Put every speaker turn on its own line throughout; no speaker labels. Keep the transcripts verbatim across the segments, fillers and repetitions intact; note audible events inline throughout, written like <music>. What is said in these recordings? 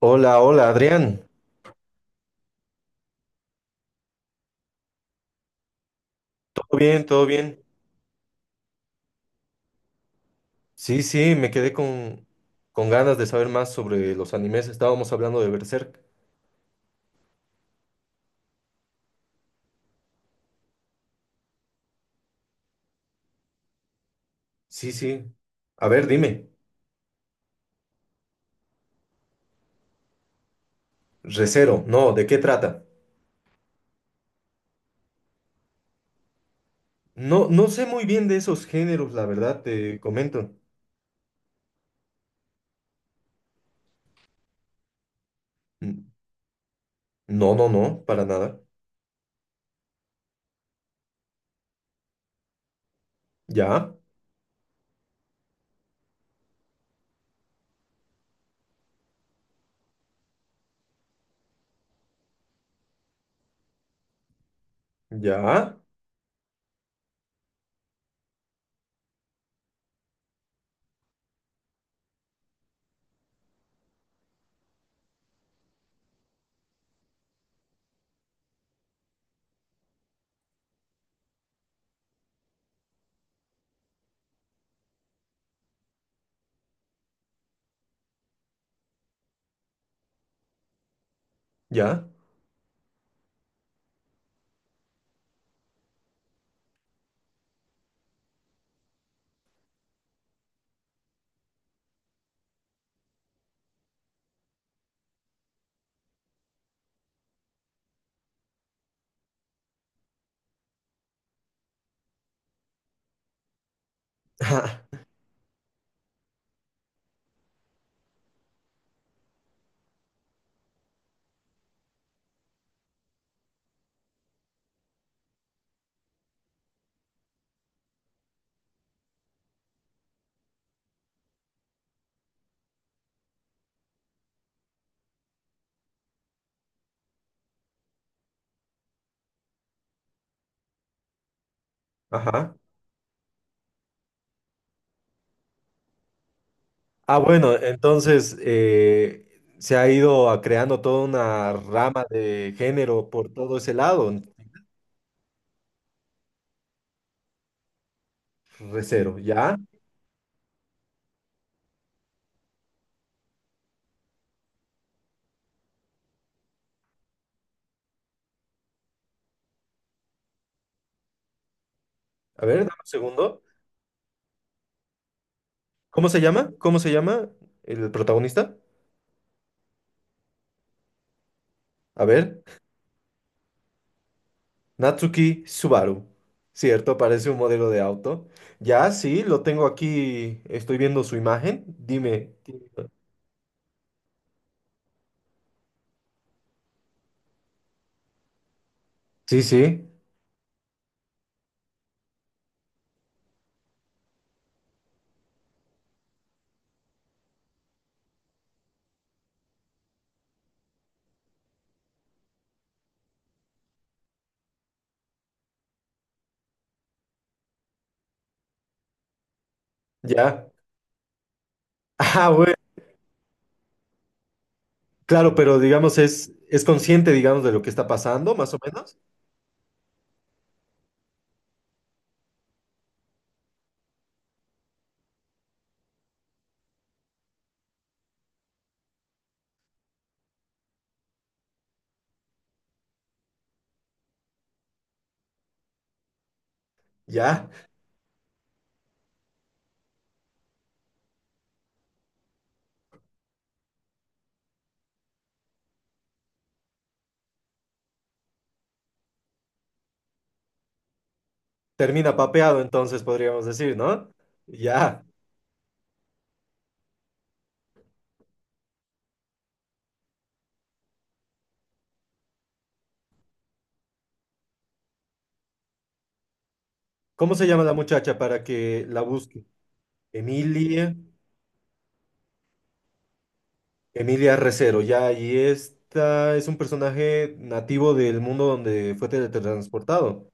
Hola, hola, Adrián. ¿Todo bien? ¿Todo bien? Sí, sí, me quedé con, con ganas de saber más sobre los animes. Estábamos hablando de Berserk. Sí, sí. A ver, dime. Recero, no, ¿de qué trata? No, no sé muy bien de esos géneros, la verdad, te comento. N- No, no, no, para nada. Ya, ya, ya. <laughs> Ajá. Ah, bueno, entonces eh, se ha ido a- creando toda una rama de género por todo ese lado. Recero, ¿ya? A ver, dame un segundo. ¿Cómo se llama? ¿Cómo se llama el protagonista? A ver, Natsuki Subaru. Cierto, parece un modelo de auto. Ya, sí, lo tengo aquí. Estoy viendo su imagen. Dime. Sí, sí, ya. Ah, bueno, claro, pero digamos es, es consciente, digamos, de lo que está pasando, más o menos. Ya, termina papeado, entonces podríamos decir, ¿no? Ya. ¿Cómo se llama la muchacha para que la busque? Emilia. Emilia Recero, ya, y esta es un personaje nativo del mundo donde fue teletransportado.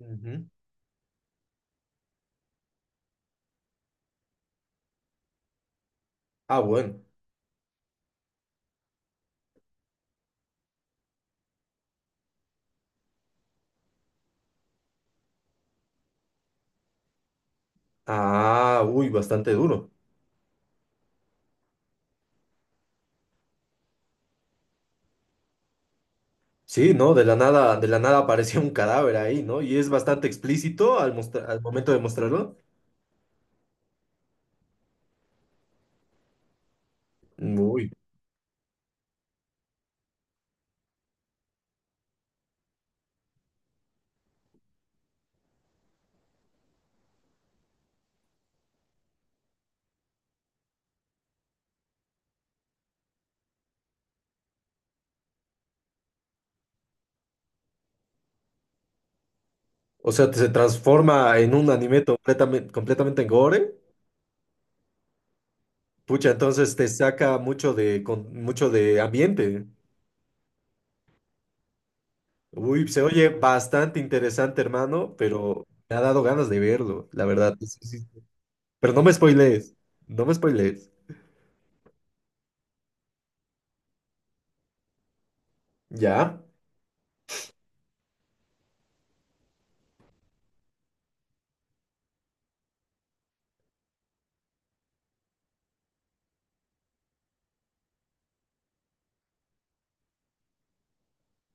Ujú. Ah, bueno. Ah, uy, bastante duro. Sí, ¿no? De la nada, de la nada apareció un cadáver ahí, ¿no? Y es bastante explícito al, mostra- al momento de mostrarlo. Uy. O sea, se transforma en un anime completamente, completamente en gore. Pucha, entonces te saca mucho de, con- mucho de ambiente. Uy, se oye bastante interesante, hermano, pero me ha dado ganas de verlo, la verdad. Sí, sí, sí. Pero no me spoilees, no me spoilees. ¿Ya?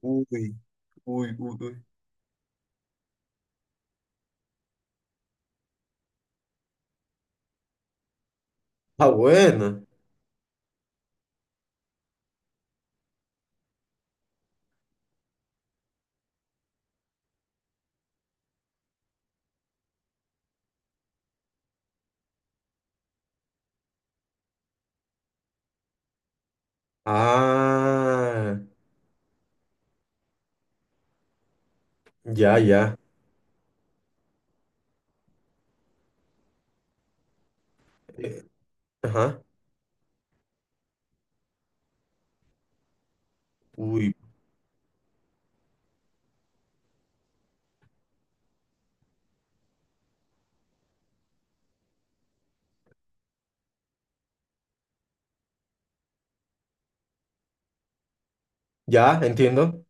Uy, uy, uy, uy. Ah, bueno. Ah, ya, ya. Eh, ajá. Uy, ya, entiendo.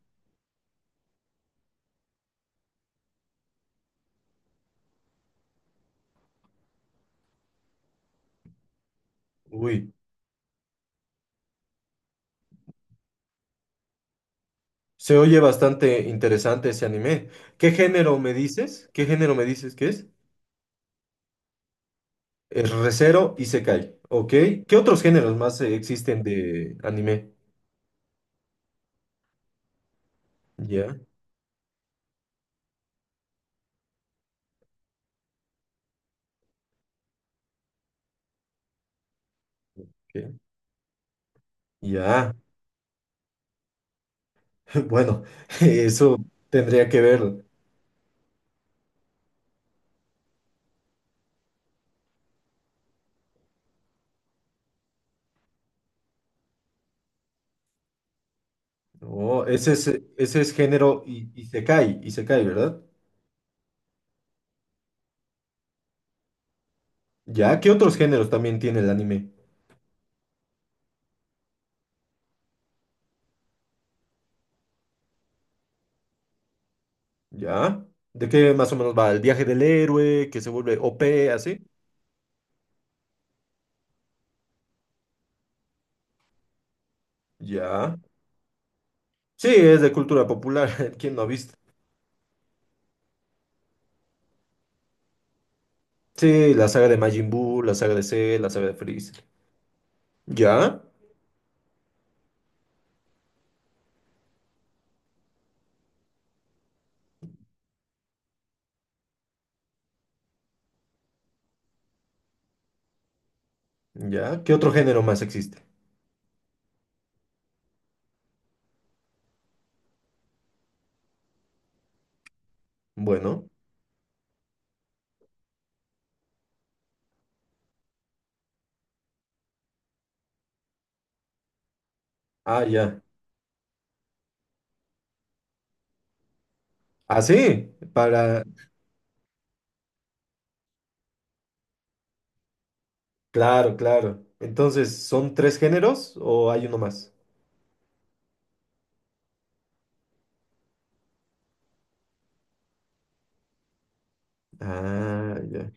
Uy, se oye bastante interesante ese anime. ¿Qué género me dices? ¿Qué género me dices que es? Es Recero y Sekai, ¿ok? ¿Qué otros géneros más eh, existen de anime? Ya. Ok. Ya, <laughs> bueno, <laughs> eso tendría que ver. Oh, ese es, ese es género y, y se cae, y se cae, ¿verdad? Ya, ¿qué otros géneros también tiene el anime? Ya, ¿de qué más o menos va? El viaje del héroe, que se vuelve O P, así. Ya, sí, es de cultura popular, <laughs> ¿quién no ha visto? Sí, la saga de Majin Buu, la saga de Cell, la saga de Freezer. Ya, ya, ¿qué otro género más existe? Bueno, ah, ya. Ah, sí, para claro, claro. Entonces, ¿son tres géneros o hay uno más? Ah, ya.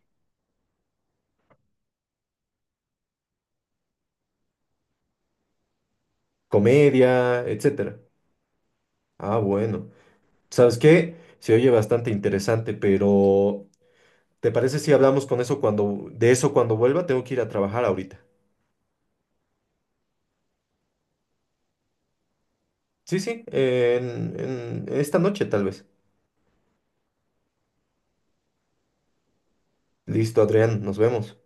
Comedia, etcétera. Ah, bueno. ¿Sabes qué? Se oye bastante interesante, pero ¿te parece si hablamos con eso cuando, de eso cuando vuelva? Tengo que ir a trabajar ahorita. Sí, sí, en, en esta noche tal vez. Listo, Adrián, nos vemos.